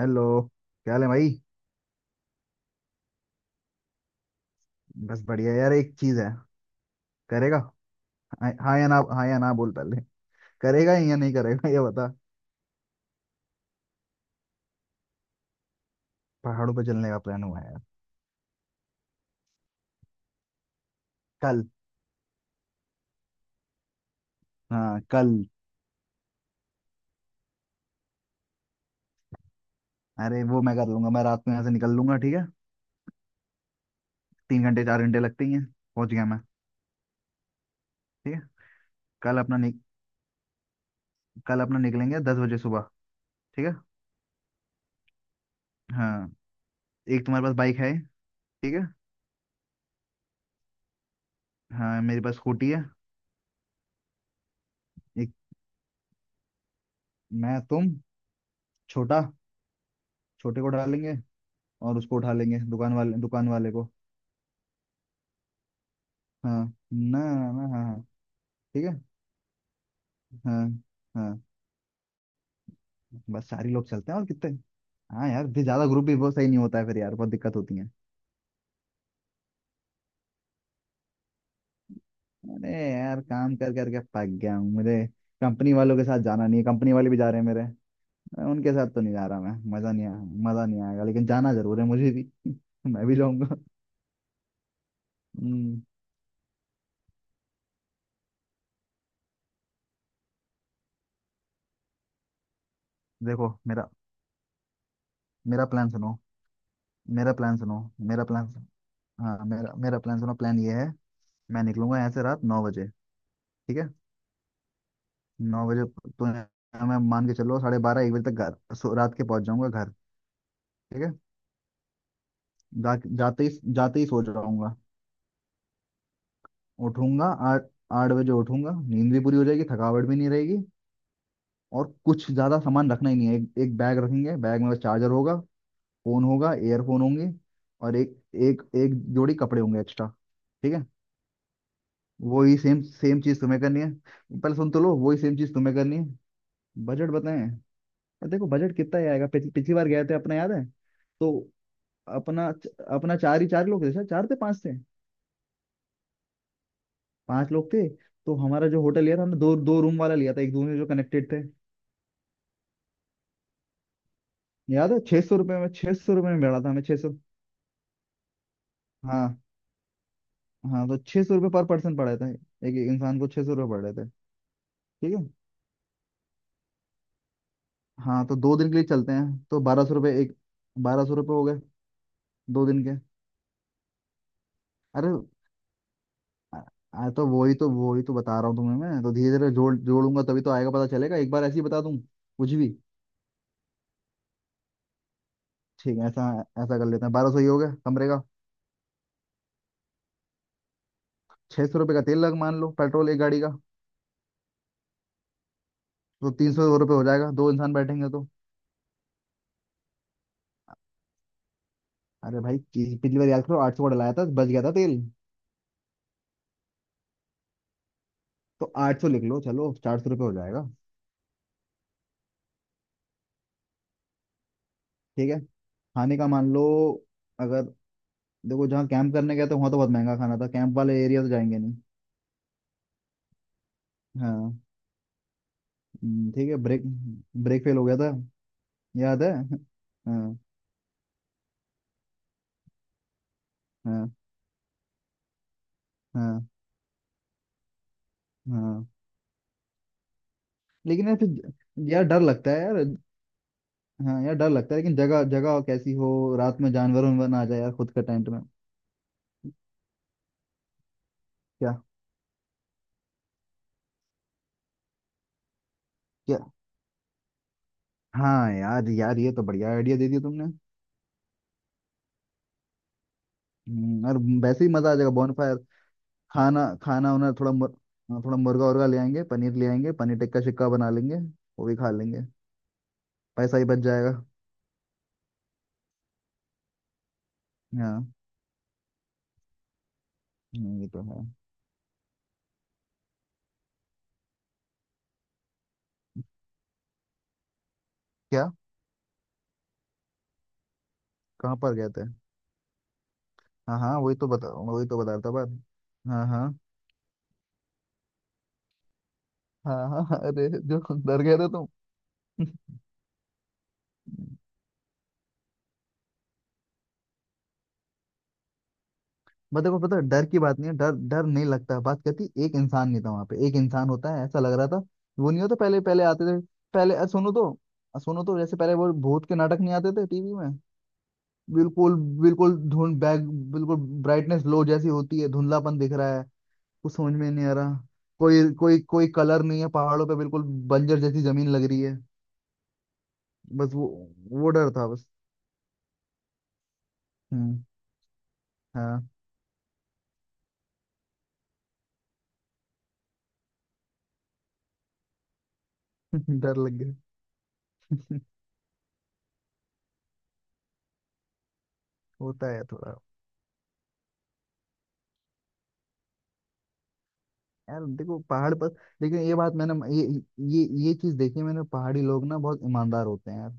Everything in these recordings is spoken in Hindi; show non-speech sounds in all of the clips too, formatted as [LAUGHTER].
हेलो। क्या हाल है भाई। बस बढ़िया यार एक चीज है। करेगा। हाँ हाँ या ना। हाँ या ना बोल पहले। करेगा या नहीं करेगा ये बता। पहाड़ों पर चलने का प्लान हुआ है यार। कल। हाँ कल। अरे वो मैं कर लूंगा। मैं रात में यहाँ से निकल लूंगा। ठीक है। तीन घंटे चार घंटे लगते ही हैं। पहुंच गया मैं। ठीक है। कल अपना नि, कल अपना निकलेंगे 10 बजे सुबह। ठीक है। हाँ। एक तुम्हारे पास बाइक है। ठीक है। हाँ मेरे पास स्कूटी है। एक मैं तुम छोटा। छोटे को उठा लेंगे। और उसको उठा लेंगे दुकान वाले को। हाँ ना ना हाँ हाँ। ठीक है। हाँ। हाँ। बस चार ही लोग चलते हैं और कितने। हाँ यार फिर ज्यादा ग्रुप भी बहुत सही नहीं होता है फिर यार बहुत दिक्कत होती है। अरे यार काम कर करके पक गया हूँ मुझे। कंपनी वालों के साथ जाना नहीं है। कंपनी वाले भी जा रहे हैं मेरे। उनके साथ तो नहीं जा रहा मैं। मजा नहीं आया। मजा नहीं आएगा लेकिन जाना जरूर है मुझे भी। [LAUGHS] मैं भी जाऊंगा। हम्म, देखो मेरा। मेरा प्लान सुनो। मेरा प्लान सुनो। मेरा प्लान। हाँ मेरा मेरा प्लान सुनो। प्लान ये है। मैं निकलूंगा यहाँ से रात 9 बजे। ठीक है। 9 बजे। तो मैं मान के चलो 12:30 1 बजे तक घर रात के पहुंच जाऊंगा घर। ठीक है। जाते ही। जाते ही सो जाऊंगा। उठूंगा। आठ। 8 बजे उठूंगा। नींद भी पूरी हो जाएगी। थकावट भी नहीं रहेगी। और कुछ ज्यादा सामान रखना ही नहीं है। एक बैग रखेंगे। बैग में बस चार्जर होगा। फोन होगा। एयरफोन होंगे। और एक। एक जोड़ी कपड़े होंगे एक्स्ट्रा। ठीक है। वही सेम सेम चीज तुम्हें करनी है। पहले सुन तो लो। वही सेम चीज तुम्हें करनी है। बजट बताएं। और देखो बजट कितना ही आएगा। पिछली बार गए थे अपना। याद है तो। अपना। अपना चार ही चार लोग थे शायद। चार थे पांच थे। पांच लोग थे। तो हमारा जो होटल लिया था हमने दो दो रूम वाला लिया था। एक दूसरे जो कनेक्टेड थे। याद है 600 रुपये में। छह सौ रुपये में मिला था हमें। 600। हाँ। हाँ तो 600 रुपये पर पर्सन पड़े थे। एक एक इंसान को 600 रुपये पड़ रहे थे। ठीक है। हाँ तो 2 दिन के लिए चलते हैं तो 1200 रुपये एक। 1200 रुपये हो गए। 2 दिन के। अरे। आ, आ, तो वही तो बता रहा हूँ तुम्हें। मैं तो धीरे धीरे जोड़ूंगा तभी तो आएगा पता चलेगा। एक बार ऐसे ही बता दूं। कुछ भी। ठीक है ऐसा। ऐसा कर लेते हैं। 1200 ही हो गया कमरे का। 600 रुपये का तेल लग मान लो पेट्रोल एक गाड़ी का। तो 300 रुपये हो जाएगा दो इंसान बैठेंगे तो। अरे भाई पिछली बार याद करो 800 का डलाया था। बच गया था तेल। तो 800 लिख लो चलो। 400 रुपये हो जाएगा। ठीक है। खाने का मान लो। अगर देखो जहाँ कैंप करने गए थे वहाँ तो बहुत महंगा खाना था। कैंप वाले एरिया तो जाएंगे नहीं। हाँ। ठीक है ब्रेक। ब्रेक फेल हो गया था याद है। हाँ हाँ हाँ हाँ। लेकिन यार फिर। यार डर लगता है यार। हाँ यार डर लगता है लेकिन जगह जगह कैसी हो। रात में जानवर उनवर ना आ जाए यार खुद का टेंट में। क्या। क्या। हाँ यार। यार ये तो बढ़िया आइडिया दे दिया तुमने। और। वैसे ही मजा आ जाएगा बॉनफायर। खाना खाना उना थोड़ा थोड़ा मुर्गा उर्गा ले आएंगे। पनीर ले आएंगे। पनीर टिक्का शिक्का बना लेंगे। वो भी खा लेंगे। पैसा ही बच जाएगा। हाँ। ये तो है। क्या। कहाँ पर गए थे। हाँ हाँ वही तो बता रहा था बात। हाँ हाँ हाँ हाँ हाँ, अरे जो। डर गए थे तुम। [LAUGHS] बट देखो पता है, डर की बात नहीं है। डर डर नहीं लगता है। बात कहती एक इंसान नहीं था वहां पे। एक इंसान होता है ऐसा लग रहा था। वो नहीं होता पहले पहले आते थे। सुनो तो। सुनो तो जैसे पहले वो भूत के नाटक नहीं आते थे टीवी में। बिल्कुल। बिल्कुल धुंध बैक। बिल्कुल ब्राइटनेस लो जैसी होती है। धुंधलापन दिख रहा है। कुछ समझ में नहीं आ रहा। कोई कोई कोई कलर नहीं है पहाड़ों पे बिल्कुल। बंजर जैसी जमीन लग रही है। बस वो। वो डर था बस। हम्म। हाँ। [LAUGHS] डर लग गया। [LAUGHS] होता है थोड़ा। यार देखो पहाड़ पर। लेकिन ये बात मैंने ये ये चीज देखी है मैंने। पहाड़ी लोग ना बहुत ईमानदार होते हैं यार।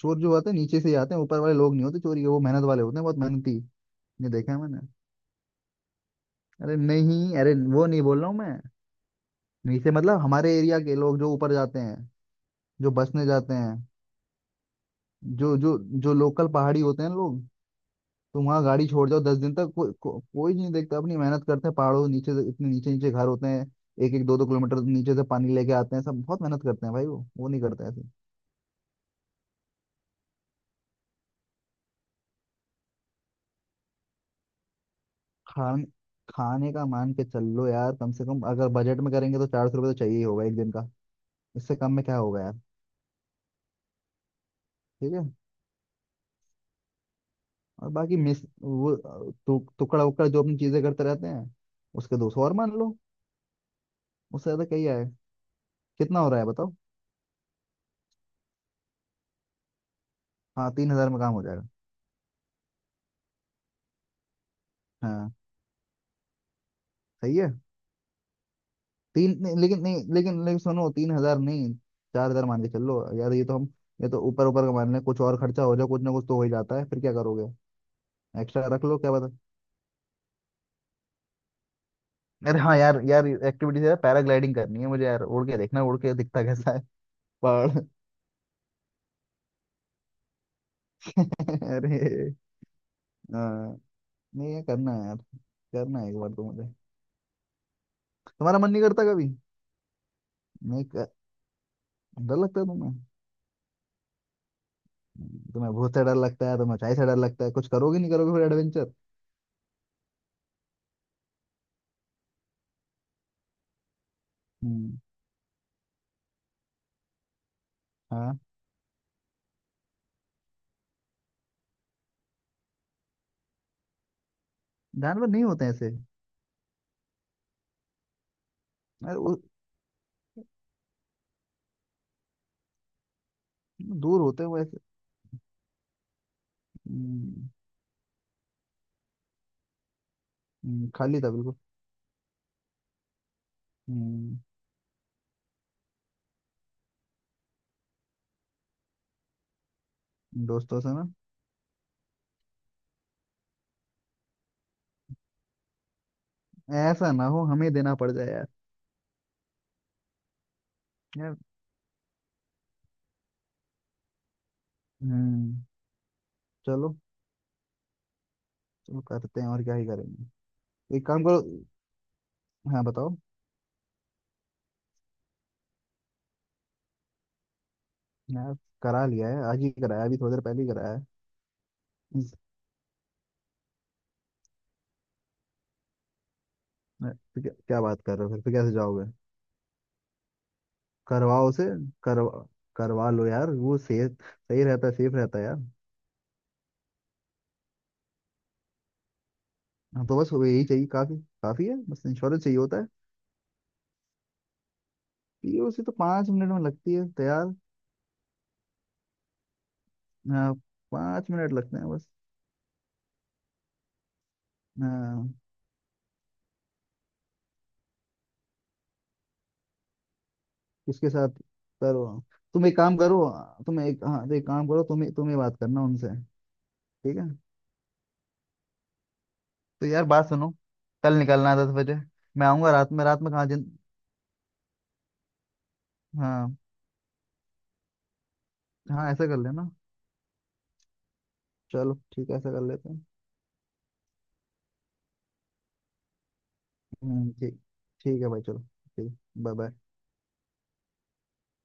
चोर जो होते हैं नीचे से ही आते हैं। ऊपर वाले लोग नहीं होते चोरी के। वो मेहनत वाले होते हैं बहुत मेहनती। ये देखा है मैंने। अरे नहीं। अरे वो नहीं बोल रहा हूँ मैं। नीचे मतलब हमारे एरिया के लोग जो ऊपर जाते हैं। जो बसने जाते हैं। जो जो जो लोकल पहाड़ी होते हैं लोग। तुम वहाँ गाड़ी छोड़ जाओ 10 दिन तक कोई नहीं देखता। अपनी मेहनत करते हैं पहाड़ों। इतने नीचे नीचे घर होते हैं। 1-1 2-2 किलोमीटर नीचे से पानी लेके आते हैं। सब बहुत मेहनत करते हैं भाई। वो नहीं करता ऐसे। खान खाने का मान के चल लो यार। कम से कम अगर बजट में करेंगे तो 400 रुपये तो चाहिए ही होगा एक दिन का। इससे कम में क्या होगा यार। ठीक है। और बाकी मिस वो। टुकड़ा उकड़ा जो अपनी चीजें करते रहते हैं उसके 200 और मान लो। उससे ज्यादा क्या ही आए। कितना हो रहा है बताओ। हाँ 3000 में काम हो जाएगा। हाँ सही है। तीन नहीं, लेकिन नहीं लेकिन लेकिन सुनो 3000 नहीं। 4000 मान के चल लो यार। ये तो हम। ये तो ऊपर ऊपर का मान लें कुछ और खर्चा हो जाए। कुछ ना कुछ तो हो ही जाता है। फिर क्या करोगे। एक्स्ट्रा रख लो क्या पता। अरे हाँ यार। यार एक्टिविटीज यार पैराग्लाइडिंग करनी है मुझे यार। उड़ के देखना उड़ के दिखता कैसा है पहाड़। [LAUGHS] अरे। हाँ। नहीं ये करना है यार। करना है एक बार तो मुझे। तुम्हारा मन नहीं करता कभी। नहीं कर... डर लगता है तुम्हें। तुम्हें भूत से डर लगता है। तुम्हें ऊंचाई से डर लगता है। कुछ करोगे नहीं करोगे फिर एडवेंचर। हम्म। हाँ। जानवर नहीं होते ऐसे। अरे वो दूर होते हैं वैसे। हम्म, खाली था बिल्कुल। हम्म, दोस्तों से ना। ऐसा ना हो हमें देना पड़ जाए यार। यार। हम्म। चलो। चलो करते हैं और क्या ही करेंगे। एक काम करो। हाँ बताओ। यार करा लिया है आज ही। कराया अभी थोड़ी देर पहले ही कराया है। हम्म, तो क्या बात कर रहे हो फिर। फिर कैसे जाओगे। करवाओ उसे। करवा। करवा लो यार। वो सेफ सही रहता है। सेफ रहता है यार। हाँ, तो बस वो यही चाहिए। काफी। काफी है। बस इंश्योरेंस चाहिए होता है। ये उसे तो 5 मिनट में लगती है तैयार। हाँ, 5 मिनट लगते हैं बस। हाँ, किसके साथ। करो तुम एक काम करो। तुम एक हाँ तो एक काम करो तुम ही बात करना उनसे। ठीक है। तो यार बात सुनो। कल निकलना है 10 बजे। मैं आऊंगा रात में। रात में कहाँ जिन। हाँ। हाँ ऐसा कर लेना। चलो ठीक है। ऐसा कर लेते हैं। ठीक। ठीक है भाई चलो। ठीक। Bye bye.